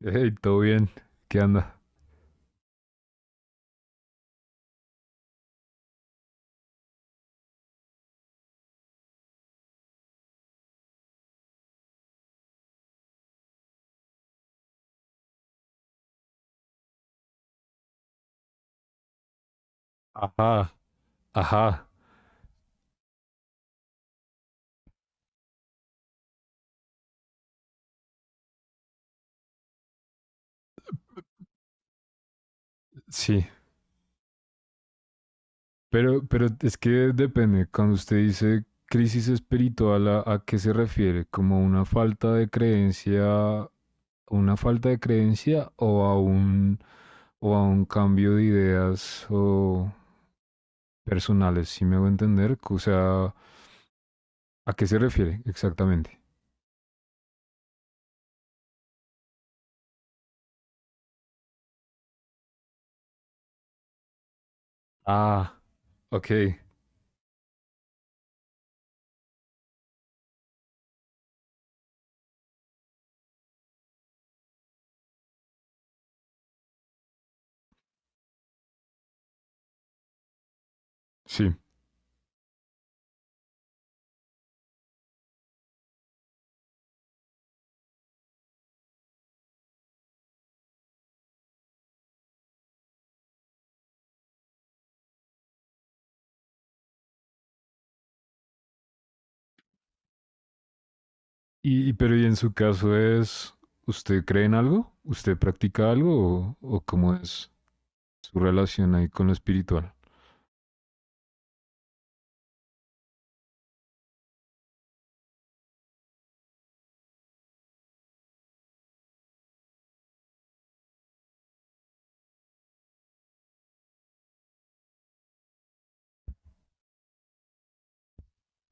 Hey, todo bien. ¿Qué anda? Ajá, ajá, sí. Pero es que depende. Cuando usted dice crisis espiritual, ¿a qué se refiere? ¿Como una falta de creencia, una falta de creencia o a un cambio de ideas o personales? ¿Sí me hago entender? O sea, ¿a qué se refiere exactamente? Ah, ok, sí. Y en su caso es, ¿usted cree en algo? ¿Usted practica algo? O cómo es su relación ahí con lo espiritual?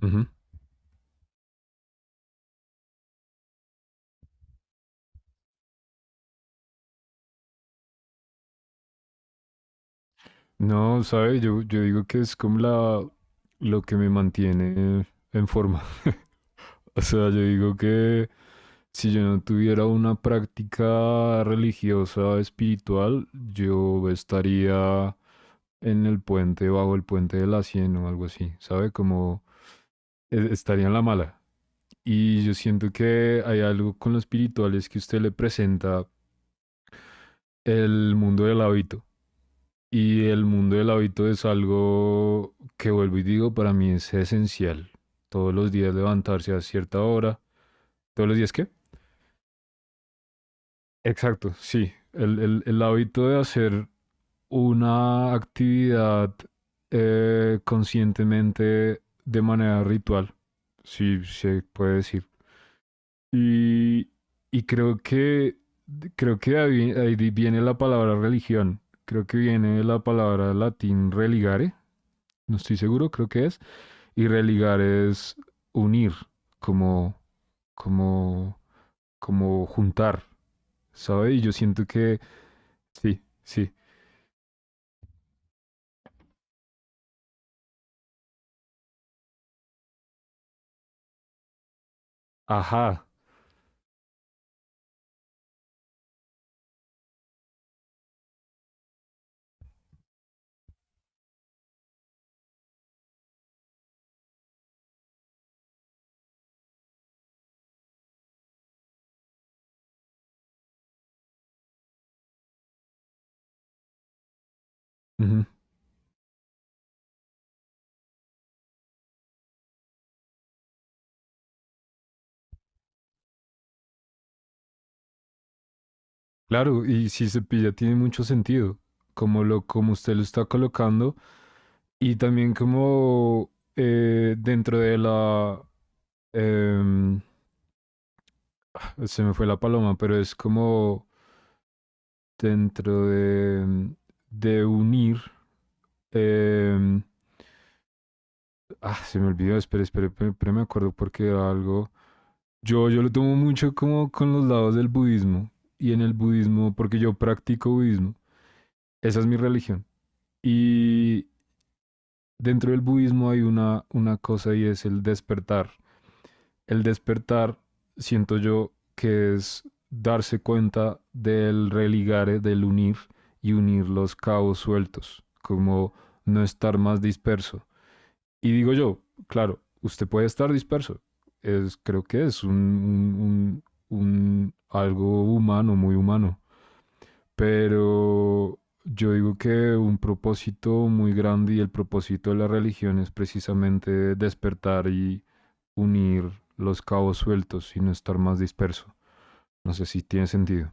Ujú. No, sabe, yo digo que es como la, lo que me mantiene en forma. O sea, yo digo que si yo no tuviera una práctica religiosa, espiritual, yo estaría en el puente, bajo el puente de la 100 o algo así, ¿sabe? Como e- estaría en la mala. Y yo siento que hay algo con los espirituales que usted le presenta el mundo del hábito. Y el mundo del hábito es algo que vuelvo y digo, para mí es esencial. Todos los días levantarse a cierta hora. ¿Todos los días qué? Exacto, sí. El hábito de hacer una actividad conscientemente de manera ritual, si se puede decir. Y, y creo que ahí viene la palabra religión. Creo que viene de la palabra latín religare, no estoy seguro, creo que es. Y religar es unir, como, como, como juntar, ¿sabes? Y yo siento que sí, sí. Ajá. Ujú. Claro, y si se pilla tiene mucho sentido, como lo, como usted lo está colocando, y también como dentro de la em, se me fue la paloma, pero es como dentro de unir. em, ah, se me olvidó, espera, espera, espera, espera, me acuerdo porque era algo. Yo lo tomo mucho como con los lados del budismo y en el budismo, porque yo practico budismo. Esa es mi religión. Y dentro del budismo hay una cosa y es el despertar. El despertar, siento yo, que es darse cuenta del religare, del unir y unir los cabos sueltos, como no estar más disperso. Y digo yo, claro, usted puede estar disperso. Es, creo que es un algo humano, muy humano. Pero yo digo que un propósito muy grande y el propósito de la religión es precisamente despertar y unir los cabos sueltos y no estar más disperso. No sé si tiene sentido.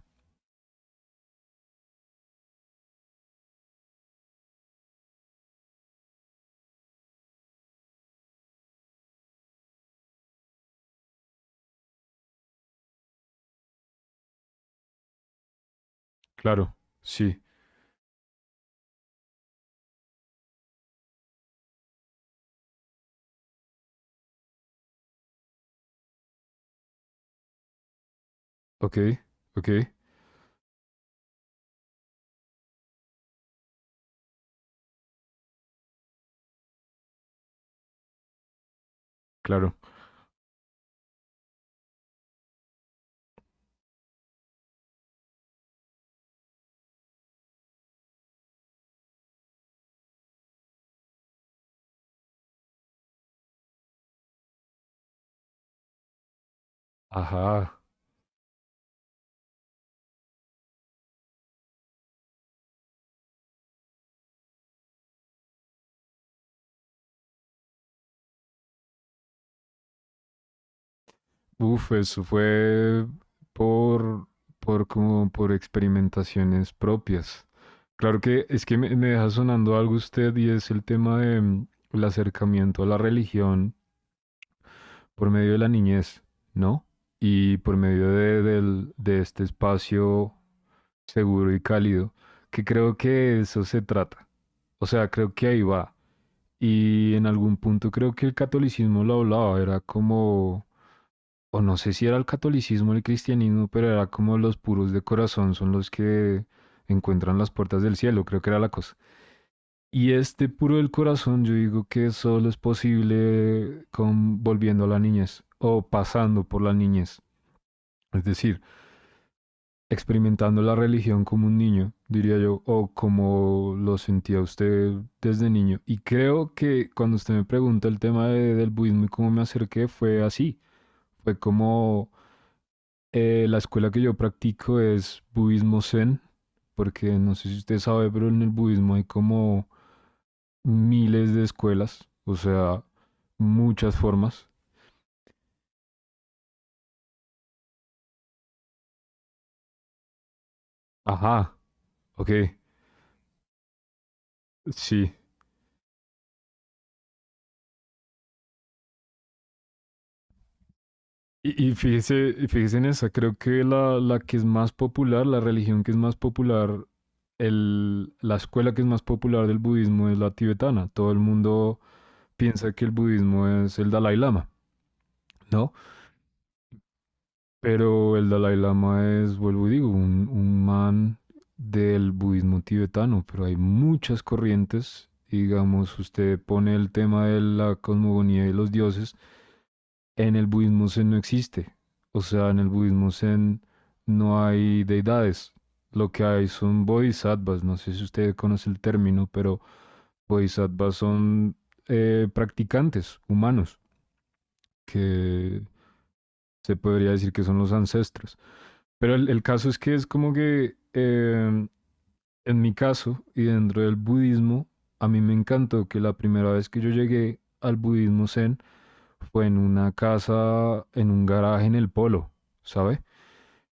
Claro, sí. Ok, ok, claro. Ajá. Uf, eso fue por, por como por experimentaciones propias. Claro que es que me deja sonando algo usted y es el tema de el acercamiento a la religión por medio de la niñez, ¿no? Y por medio de, del- de este espacio seguro y cálido, que creo que eso se trata. O sea, creo que ahí va. Y en algún punto creo que el catolicismo lo hablaba, era como, o no sé si era el catolicismo o el cristianismo, pero era como los puros de corazón son los que encuentran las puertas del cielo, creo que era la cosa. Y este puro del corazón, yo digo que solo es posible con volviendo a la niñez o pasando por la niñez. Es decir, experimentando la religión como un niño, diría yo, o como lo sentía usted desde niño. Y creo que cuando usted me pregunta el tema de- del budismo y cómo me acerqué, fue así. Fue como la escuela que yo practico es budismo zen, porque no sé si usted sabe, pero en el budismo hay como miles de escuelas, o sea, muchas formas. Ajá, ok, sí. Y fíjese, y fíjese en esa, creo que la que es más popular, la religión que es más popular, el, la escuela que es más popular del budismo es la tibetana. Todo el mundo piensa que el budismo es el Dalai Lama, ¿no? Pero el Dalai Lama es, vuelvo y digo, un man del budismo tibetano, pero hay muchas corrientes. Digamos, usted pone el tema de la cosmogonía y los dioses, en el budismo zen no existe. O sea, en el budismo zen no hay deidades. Lo que hay son bodhisattvas. No sé si usted conoce el término, pero bodhisattvas son practicantes humanos, que se podría decir que son los ancestros. Pero el caso es que es como que en mi caso y dentro del budismo, a mí me encantó que la primera vez que yo llegué al budismo zen fue en una casa, en un garaje en el polo, ¿sabe?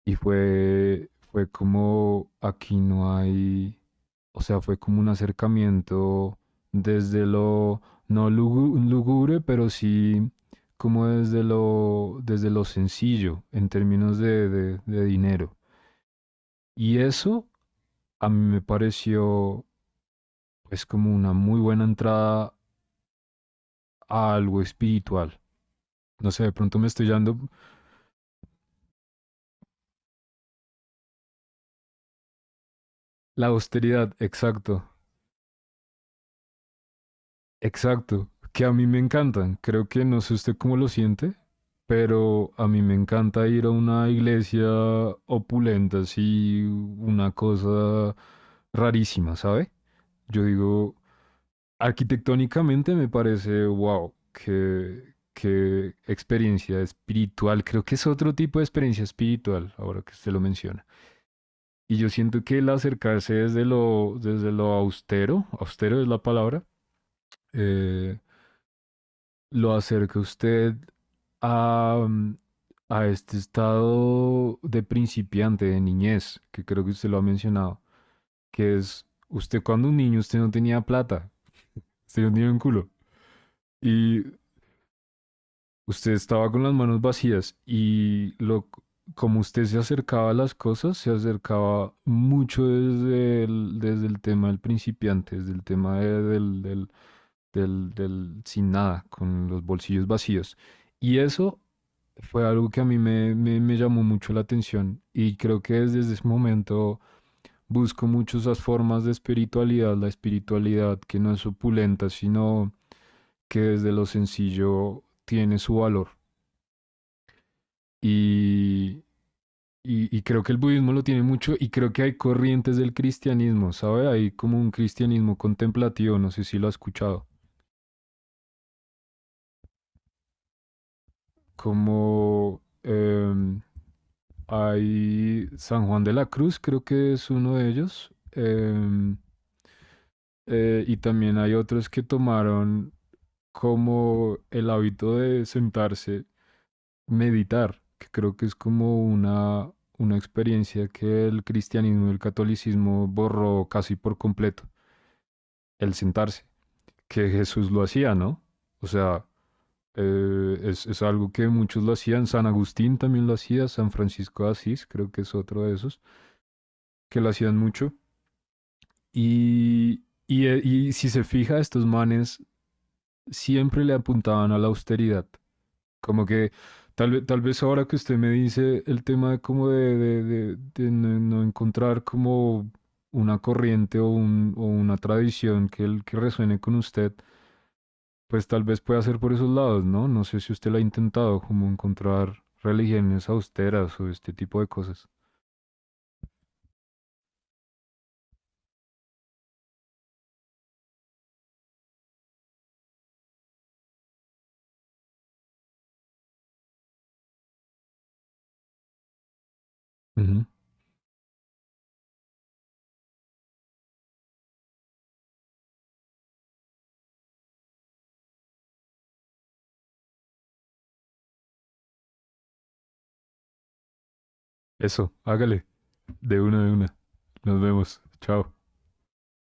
Y fue, fue como aquí no hay, o sea, fue como un acercamiento desde lo no lugu- lúgubre, pero sí como desde lo sencillo en términos de dinero. Y eso a mí me pareció pues como una muy buena entrada a algo espiritual. No sé, de pronto me estoy yendo la austeridad, exacto, exacto, que a mí me encantan. Creo que no sé usted cómo lo siente, pero a mí me encanta ir a una iglesia opulenta, así una cosa rarísima, ¿sabe? Yo digo, arquitectónicamente me parece, wow, qué, qué experiencia espiritual. Creo que es otro tipo de experiencia espiritual, ahora que usted lo menciona. Y yo siento que el acercarse desde lo austero, austero es la palabra, eh, lo acerca usted a, a este estado de principiante, de niñez, que creo que usted lo ha mencionado, que es usted cuando un niño, usted no tenía plata, usted no tenía un culo. Y usted estaba con las manos vacías y lo, como usted se acercaba a las cosas, se acercaba mucho desde el tema del principiante, desde el tema de- del, del, del, del sin nada, con los bolsillos vacíos. Y eso fue algo que a mí me, me, me llamó mucho la atención y creo que desde ese momento busco mucho esas formas de espiritualidad, la espiritualidad que no es opulenta, sino que desde lo sencillo tiene su valor. Y, y creo que el budismo lo tiene mucho y creo que hay corrientes del cristianismo, ¿sabe? Hay como un cristianismo contemplativo, no sé si lo ha escuchado. Como hay San Juan de la Cruz, creo que es uno de ellos, y también hay otros que tomaron como el hábito de sentarse, meditar, que creo que es como una experiencia que el cristianismo y el catolicismo borró casi por completo, el sentarse, que Jesús lo hacía, ¿no? O sea, es algo que muchos lo hacían, San Agustín también lo hacía, San Francisco de Asís creo que es otro de esos, que lo hacían mucho. Y si se fija, estos manes siempre le apuntaban a la austeridad. Como que tal, ve- tal vez ahora que usted me dice el tema de como de no, no encontrar como una corriente o, un- o una tradición que, el- que resuene con usted, pues tal vez pueda ser por esos lados, ¿no? No sé si usted lo ha intentado, como encontrar religiones austeras o este tipo de cosas. Ujú. Eso, hágale, de una de una. Nos vemos, chao.